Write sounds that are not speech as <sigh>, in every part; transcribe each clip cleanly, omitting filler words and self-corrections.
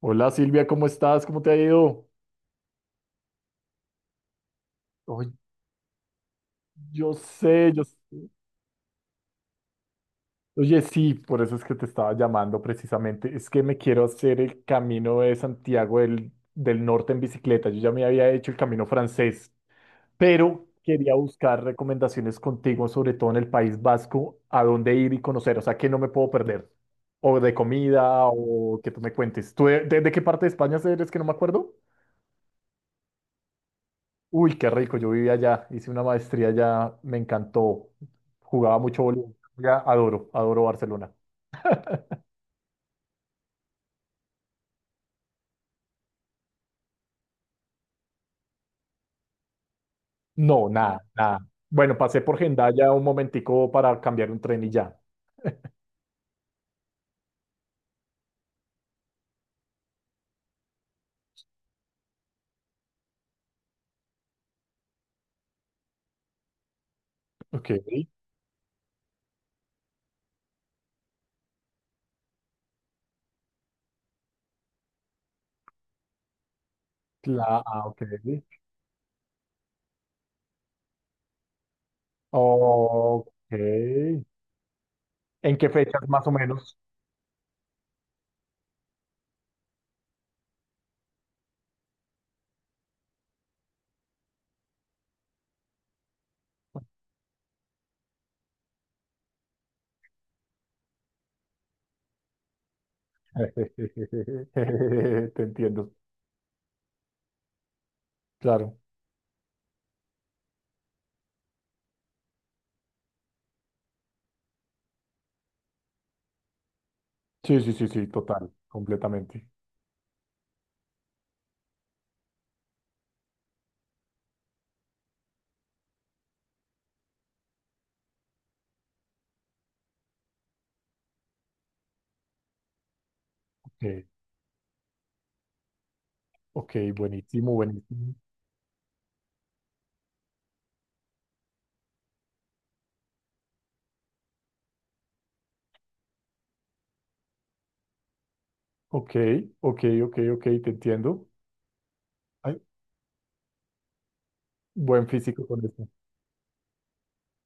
Hola Silvia, ¿cómo estás? ¿Cómo te ha ido? Oye, yo sé, yo... s- Oye, sí, por eso es que te estaba llamando precisamente. Es que me quiero hacer el camino de Santiago del Norte en bicicleta. Yo ya me había hecho el camino francés, pero quería buscar recomendaciones contigo, sobre todo en el País Vasco, a dónde ir y conocer. O sea, que no me puedo perder. O de comida, o que tú me cuentes. ¿Tú de qué parte de España eres que no me acuerdo? Uy, qué rico, yo vivía allá, hice una maestría allá, me encantó. Jugaba mucho voleibol, ya adoro, adoro Barcelona. No, nada, nada. Bueno, pasé por Hendaya un momentico para cambiar un tren y ya. Ok, ok. Ok. ¿En qué fechas más o menos? <laughs> Te entiendo, claro. Sí, sí, sí, sí, total, completamente. Ok, ok, buenísimo, buenísimo. Ok, ok, ok, ok, te entiendo. Buen físico con eso.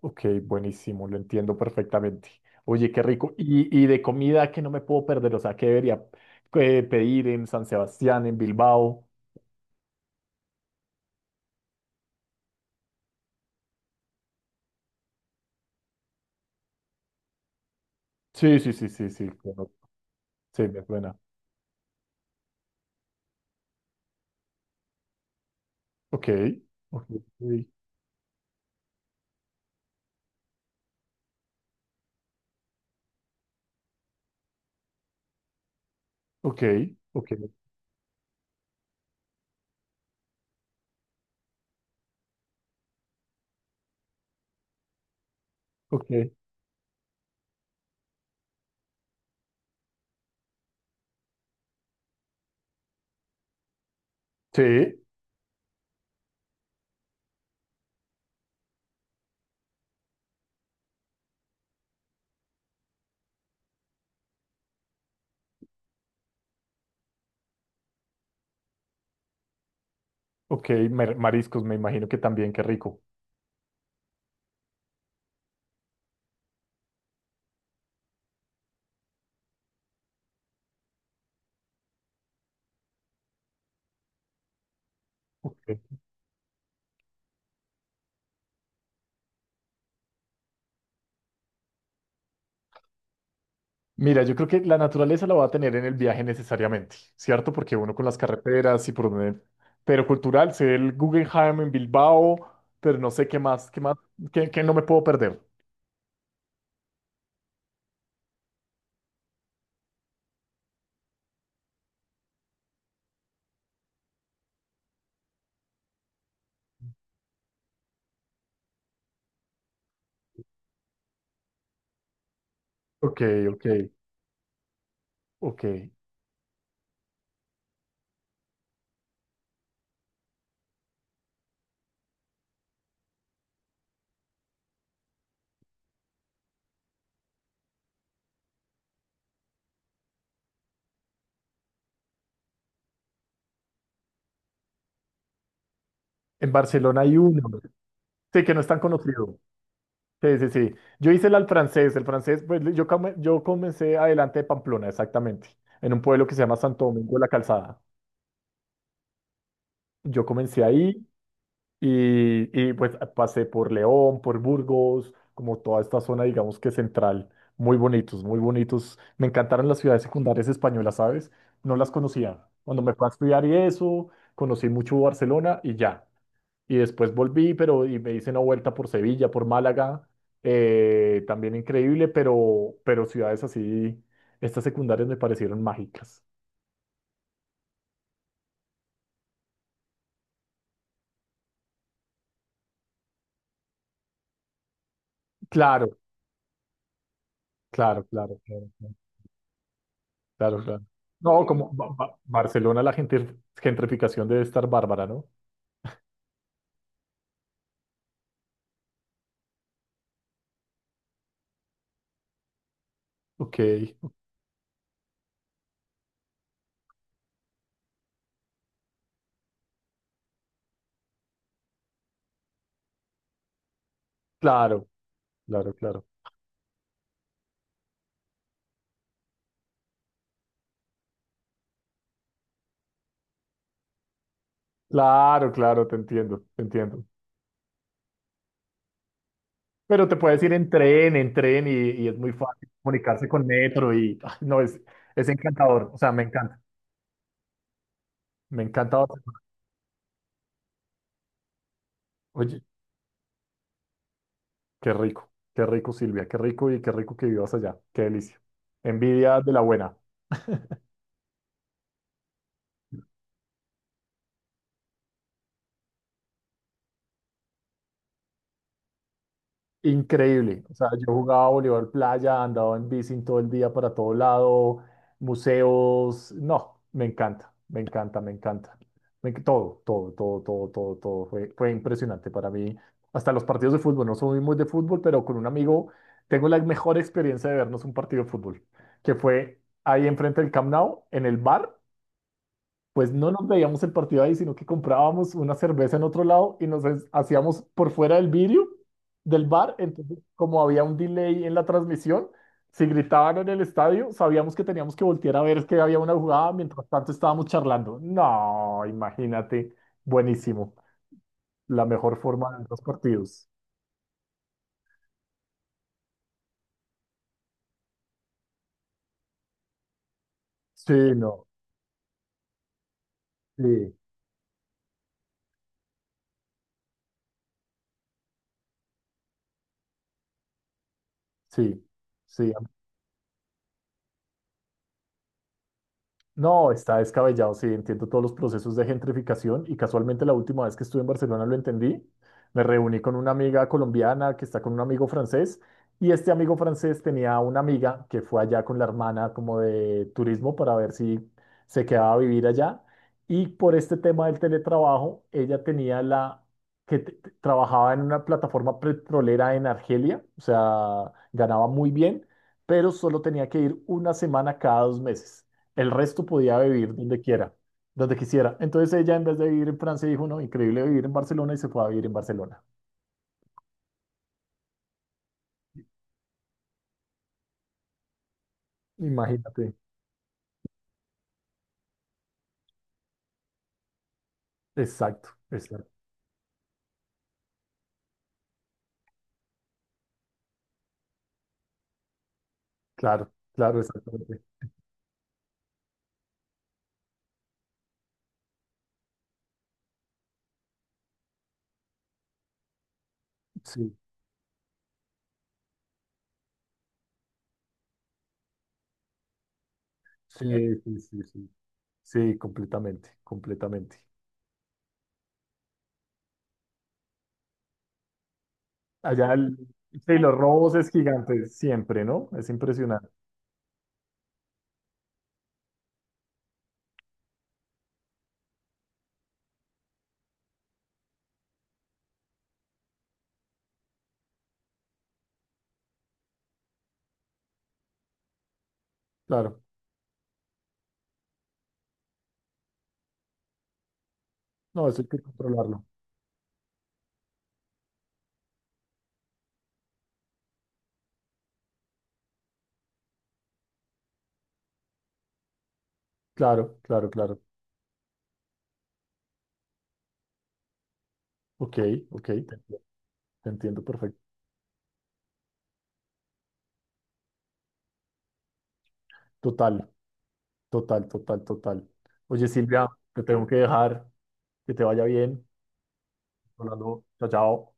Ok, buenísimo, lo entiendo perfectamente. Oye, qué rico. Y de comida que no me puedo perder, o sea, ¿qué debería pedir en San Sebastián, en Bilbao? Sí, sí, sí, sí, sí, claro. Sí, me suena. Ok, ok, ok, ok, ok. Ok. Sí, ok, mariscos, me imagino que también, qué rico. Ok, mira, yo creo que la naturaleza la va a tener en el viaje necesariamente, ¿cierto? Porque uno con las carreteras y por donde... Pero cultural, sé el Guggenheim en Bilbao, pero no sé qué más, qué, qué no me puedo perder. Ok, ok, ok. En Barcelona hay uno. Sí, que no es tan conocido. Sí, sí, sí. Yo hice el al francés. El francés, pues yo, comencé adelante de Pamplona, exactamente, en un pueblo que se llama Santo Domingo de la Calzada. Yo comencé ahí. Pues pasé por León, por Burgos, como toda esta zona, digamos que central. Muy bonitos, muy bonitos. Me encantaron las ciudades secundarias españolas, ¿sabes? No las conocía. Cuando me fui a estudiar y eso, conocí mucho Barcelona y ya. Y después volví, pero y me hice una vuelta por Sevilla, por Málaga. También increíble, pero ciudades así, estas secundarias me parecieron mágicas. Claro, claro, claro, claro, claro. Claro, claro. No, como Barcelona, la gentrificación debe estar bárbara, ¿no? Ok, claro, claro, claro. Claro, claro, te entiendo, te entiendo. Pero te puedes ir en tren y es muy fácil comunicarse con metro y no, es encantador, o sea, me encanta, me encanta. Barcelona. Oye, qué rico, qué rico, Silvia, qué rico y qué rico que vivas allá, qué delicia. Envidia de la buena. <laughs> Increíble. O sea, yo jugaba voleibol playa, andaba en bici todo el día para todo lado, museos. No, me encanta, me encanta, me encanta. Todo, todo, todo, todo, todo, todo. Fue impresionante para mí. Hasta los partidos de fútbol. No soy muy de fútbol, pero con un amigo tengo la mejor experiencia de vernos un partido de fútbol, que fue ahí enfrente del Camp Nou, en el bar, pues no nos veíamos el partido ahí, sino que comprábamos una cerveza en otro lado y hacíamos por fuera del vidrio del bar. Entonces, como había un delay en la transmisión, si gritaban en el estadio, sabíamos que teníamos que voltear a ver que había una jugada, mientras tanto estábamos charlando. No, imagínate, buenísimo. La mejor forma de los partidos. Sí, no, sí, sí, sí. No, está descabellado, sí, entiendo todos los procesos de gentrificación y casualmente la última vez que estuve en Barcelona lo entendí. Me reuní con una amiga colombiana que está con un amigo francés y este amigo francés tenía una amiga que fue allá con la hermana como de turismo para ver si se quedaba a vivir allá y por este tema del teletrabajo, ella tenía la que trabajaba en una plataforma petrolera en Argelia, o sea, ganaba muy bien, pero solo tenía que ir 1 semana cada 2 meses. El resto podía vivir donde quiera, donde quisiera. Entonces ella, en vez de vivir en Francia, dijo, no, increíble vivir en Barcelona y se fue a vivir en Barcelona. Imagínate. Exacto, exacto. Claro, claro, exactamente. Sí, sí, sí, sí, sí. Sí, completamente, completamente. Allá el, sí, los robos es gigante, siempre, ¿no? Es impresionante. Claro. No, eso hay que controlarlo. Claro, claro, claro. Ok, ok, te entiendo, te entiendo perfectamente. Total, total, total, total. Oye, Silvia, te tengo que dejar. Que te vaya bien. Hablando. Chao, chao.